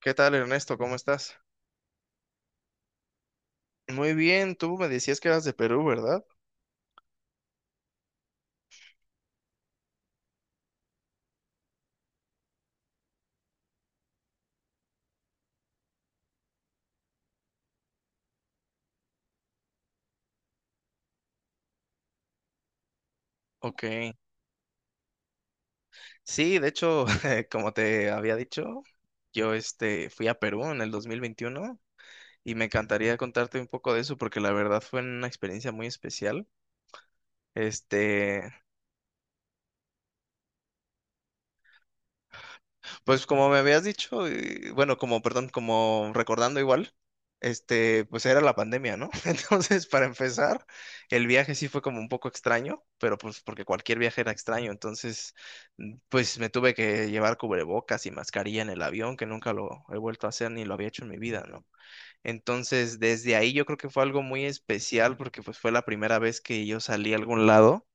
¿Qué tal, Ernesto? ¿Cómo estás? Muy bien, tú me decías que eras de Perú, ¿verdad? Ok. Sí, de hecho, como te había dicho, yo fui a Perú en el 2021 y me encantaría contarte un poco de eso porque la verdad fue una experiencia muy especial. Este, Pues como me habías dicho, bueno, como, perdón, como recordando igual, pues era la pandemia, ¿no? Entonces, para empezar, el viaje sí fue como un poco extraño, pero pues porque cualquier viaje era extraño, entonces, pues me tuve que llevar cubrebocas y mascarilla en el avión, que nunca lo he vuelto a hacer ni lo había hecho en mi vida, ¿no? Entonces, desde ahí yo creo que fue algo muy especial porque pues fue la primera vez que yo salí a algún lado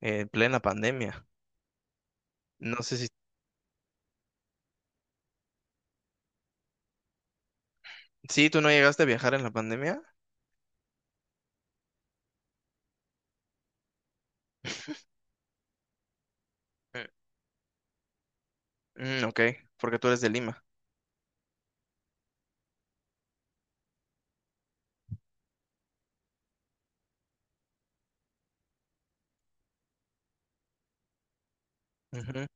en plena pandemia. No sé si, sí, tú no llegaste a viajar en la pandemia. Mm, ok, porque tú eres de Lima. Ujú,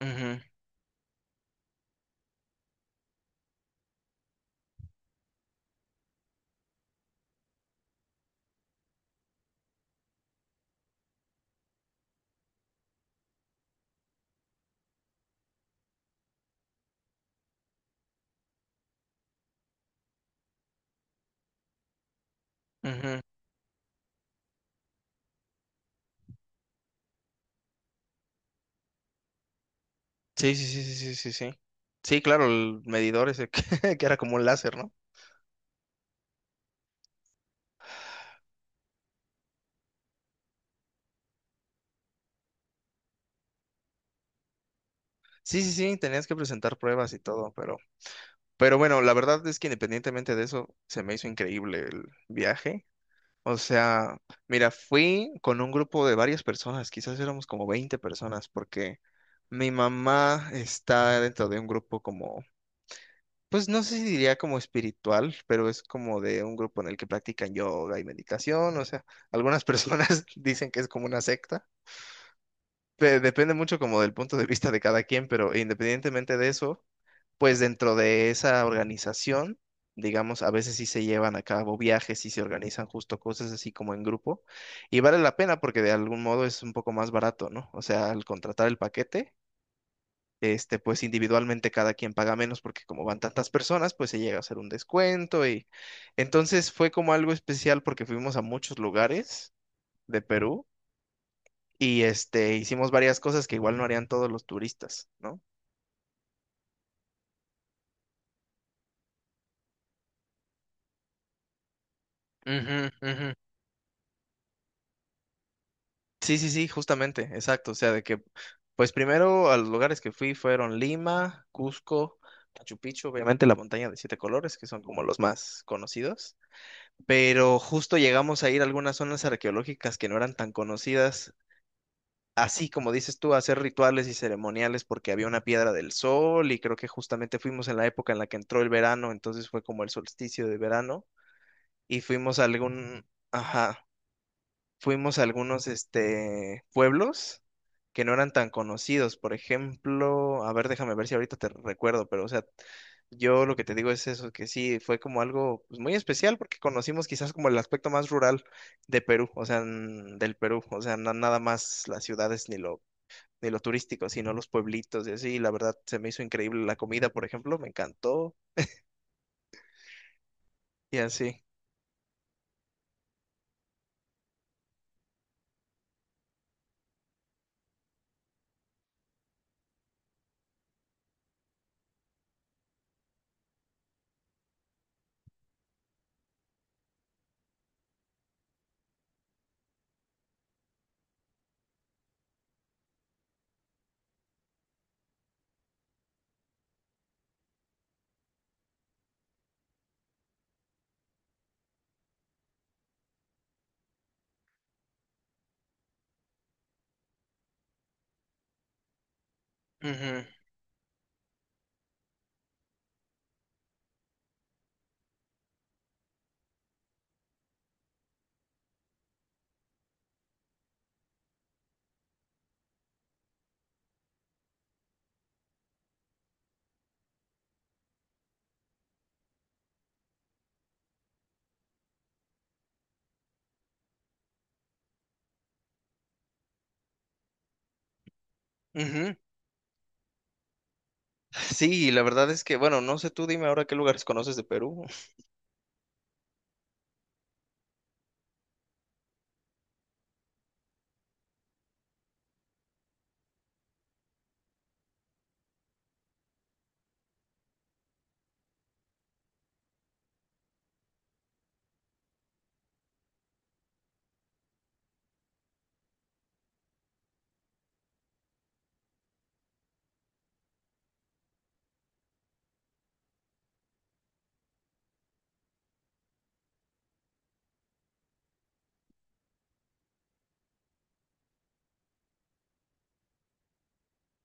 ujú, ujú. Sí, sí, sí, sí, sí, sí, sí. Sí, claro, el medidor ese que, que era como un láser, ¿no? Sí, sí, sí, tenías que presentar pruebas y todo, pero bueno, la verdad es que independientemente de eso, se me hizo increíble el viaje. O sea, mira, fui con un grupo de varias personas, quizás éramos como 20 personas, porque mi mamá está dentro de un grupo como... Pues no sé si diría como espiritual, pero es como de un grupo en el que practican yoga y meditación, o sea, algunas personas dicen que es como una secta. Depende mucho como del punto de vista de cada quien, pero independientemente de eso, pues dentro de esa organización, digamos, a veces sí se llevan a cabo viajes y se organizan justo cosas así como en grupo, y vale la pena porque de algún modo es un poco más barato, ¿no? O sea, al contratar el paquete pues individualmente cada quien paga menos porque como van tantas personas, pues se llega a hacer un descuento, y entonces fue como algo especial porque fuimos a muchos lugares de Perú y hicimos varias cosas que igual no harían todos los turistas, ¿no? Ujú, ujú. Sí, sí, sí, justamente, exacto. O sea, de que, pues primero a los lugares que fui fueron Lima, Cusco, Machu Picchu, obviamente la montaña de siete colores, que son como los más conocidos. Pero justo llegamos a ir a algunas zonas arqueológicas que no eran tan conocidas, así como dices tú, a hacer rituales y ceremoniales porque había una piedra del sol y creo que justamente fuimos en la época en la que entró el verano, entonces fue como el solsticio de verano y ajá, fuimos a algunos pueblos que no eran tan conocidos. Por ejemplo, a ver, déjame ver si ahorita te recuerdo, pero o sea, yo lo que te digo es eso, que sí, fue como algo pues, muy especial porque conocimos quizás como el aspecto más rural de Perú, o sea, del Perú, o sea, nada más las ciudades, ni lo, turístico, sino los pueblitos y así. Y la verdad, se me hizo increíble la comida, por ejemplo, me encantó y así. Ujú, ujú. Sí, la verdad es que, bueno, no sé tú, dime ahora qué lugares conoces de Perú.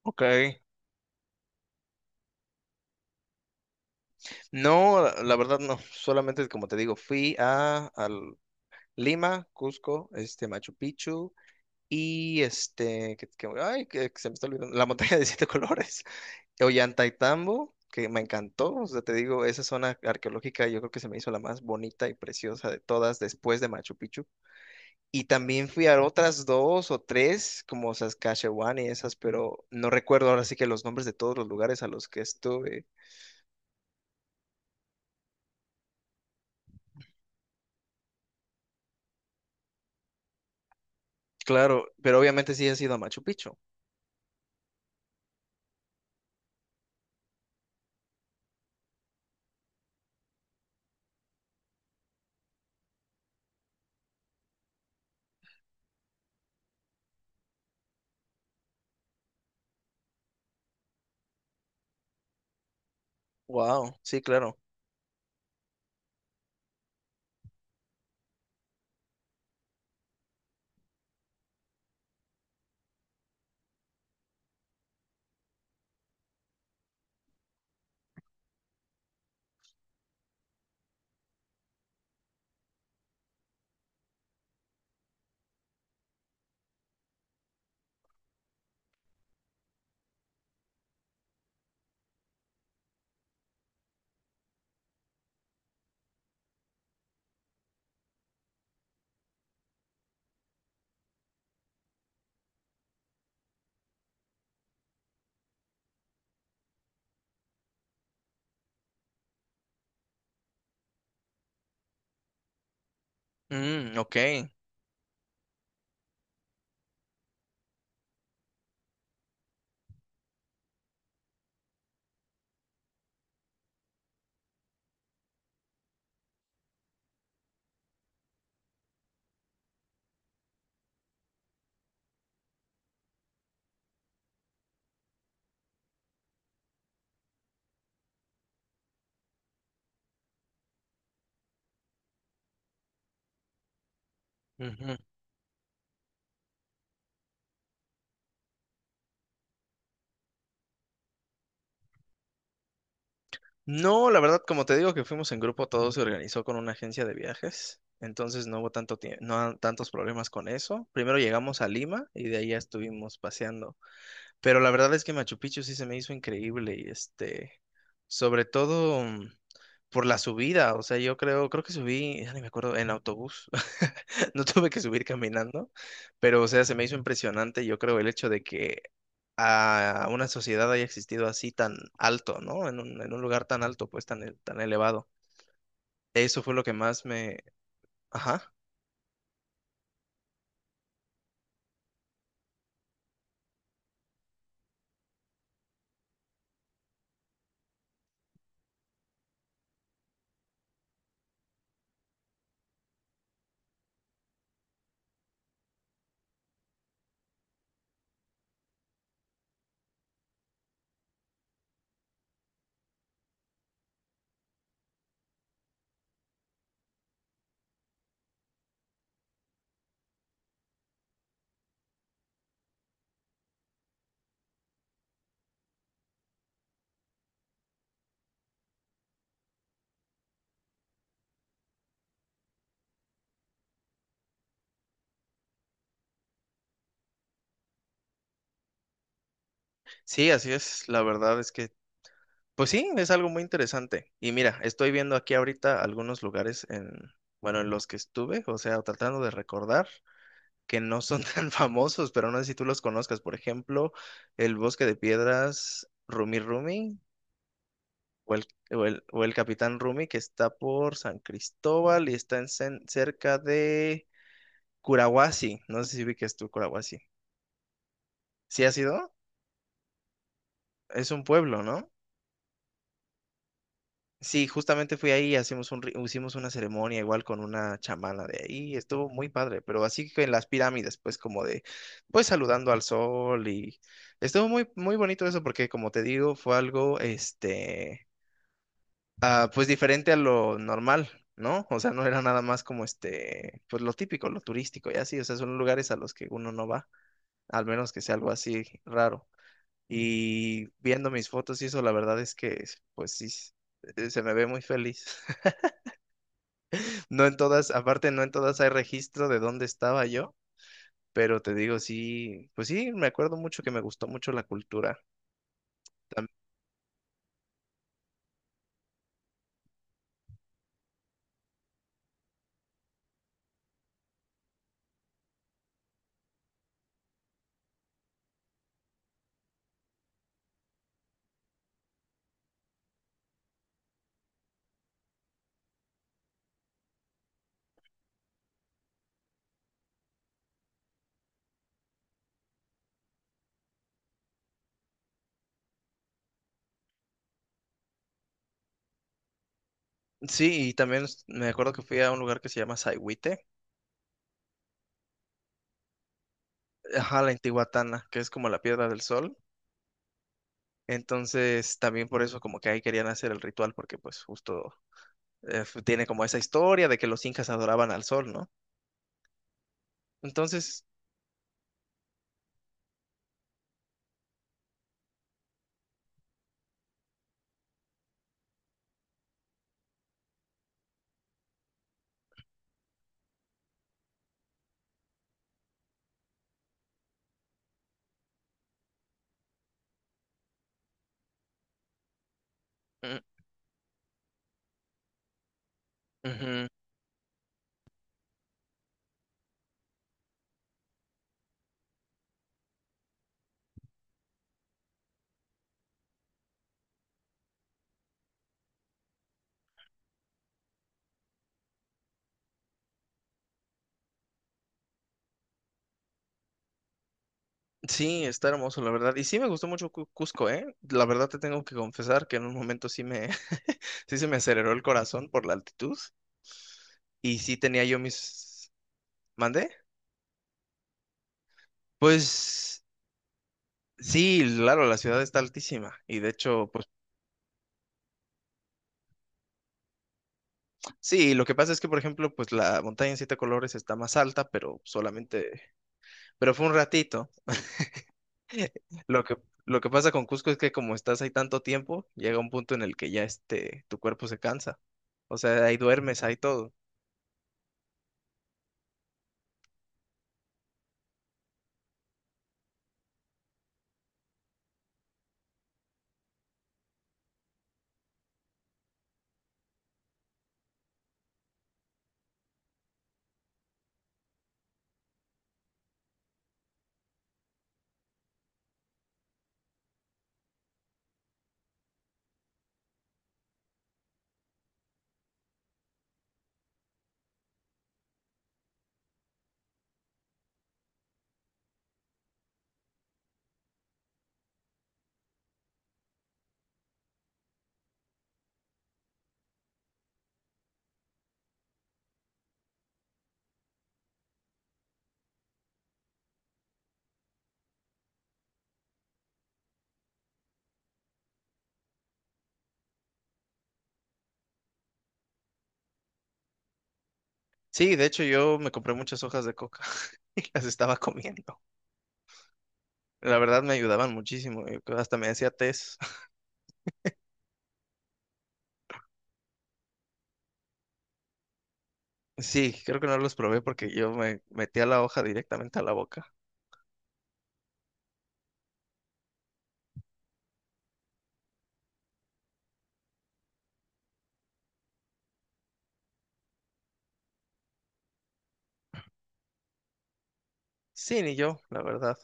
Ok. No, la la verdad no, solamente como te digo, fui al Lima, Cusco, Machu Picchu y ay, que se me está olvidando, la montaña de siete colores, Ollantaytambo, que me encantó, o sea, te digo, esa zona arqueológica yo creo que se me hizo la más bonita y preciosa de todas después de Machu Picchu. Y también fui a otras dos o tres, como Saskatchewan y esas, pero no recuerdo ahora sí que los nombres de todos los lugares a los que estuve. Claro, pero obviamente sí has ido a Machu Picchu. Wow, sí, claro. Mm, ok. Ujú. No, la verdad, como te digo que fuimos en grupo, todo se organizó con una agencia de viajes, entonces no hubo tanto tie- no ha- tantos problemas con eso. Primero llegamos a Lima y de ahí ya estuvimos paseando. Pero la verdad es que Machu Picchu sí se me hizo increíble y este, sobre todo por la subida, o sea, yo creo que subí, ya ni me acuerdo, en autobús, no tuve que subir caminando, pero o sea, se me hizo impresionante, yo creo, el hecho de que a una sociedad haya existido así tan alto, ¿no? En un lugar tan alto, pues tan, tan elevado. Eso fue lo que más me. Ajá. Sí, así es, la verdad es que... Pues sí, es algo muy interesante. Y mira, estoy viendo aquí ahorita algunos lugares en, bueno, en los que estuve, o sea, tratando de recordar que no son tan famosos, pero no sé si tú los conozcas. Por ejemplo, el Bosque de Piedras, Rumi Rumi, o el, o el Capitán Rumi, que está por San Cristóbal y está en, cerca de Curahuasi. No sé si ubiques tú Curahuasi. ¿Sí has ido? Es un pueblo, ¿no? Sí, justamente fui ahí, hicimos una ceremonia igual con una chamana de ahí, estuvo muy padre, pero así que en las pirámides, pues como de, pues saludando al sol, y estuvo muy, muy bonito eso porque como te digo, fue algo, este, ah, pues diferente a lo normal, ¿no? O sea, no era nada más como este, pues lo típico, lo turístico y así, o sea, son lugares a los que uno no va, al menos que sea algo así raro. Y viendo mis fotos y eso, la verdad es que, pues sí, se me ve muy feliz. No en todas, aparte no en todas hay registro de dónde estaba yo, pero te digo, sí, pues sí, me acuerdo mucho que me gustó mucho la cultura. Tam- Sí, y también me acuerdo que fui a un lugar que se llama Saigüite, ajá, la Intihuatana, que es como la Piedra del Sol. Entonces, también por eso como que ahí querían hacer el ritual, porque pues justo tiene como esa historia de que los incas adoraban al sol, ¿no? Entonces, mm, ujú. Sí, está hermoso, la verdad. Y sí me gustó mucho Cusco, ¿eh? La verdad te tengo que confesar que en un momento sí se me aceleró el corazón por la altitud y sí tenía yo mis. ¿Mandé? Pues sí, claro, la ciudad está altísima y de hecho, pues sí, lo que pasa es que, por ejemplo, pues la montaña en siete colores está más alta, pero solamente, pero fue un ratito. Lo que, lo que pasa con Cusco es que como estás ahí tanto tiempo, llega un punto en el que ya este, tu cuerpo se cansa. O sea, ahí duermes, ahí todo. Sí, de hecho yo me compré muchas hojas de coca y las estaba comiendo. La verdad me ayudaban muchísimo. Eh, hasta me hacía té. Sí, creo que no los probé porque yo me metía la hoja directamente a la boca. Sí, ni yo, la verdad.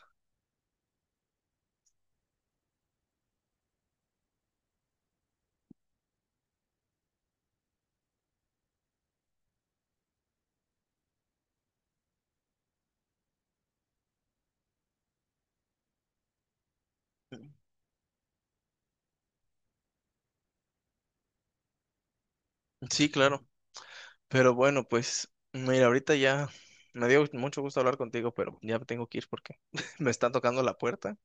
Sí, claro. Pero bueno, pues mira, ahorita ya me dio mucho gusto hablar contigo, pero ya me tengo que ir porque me están tocando la puerta.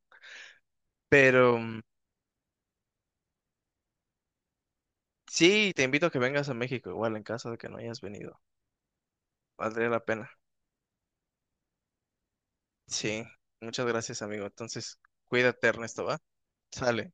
Pero sí, te invito a que vengas a México, igual en caso de que no hayas venido. Valdría la pena. Sí, muchas gracias, amigo. Entonces, cuídate, Ernesto, ¿va? Sale.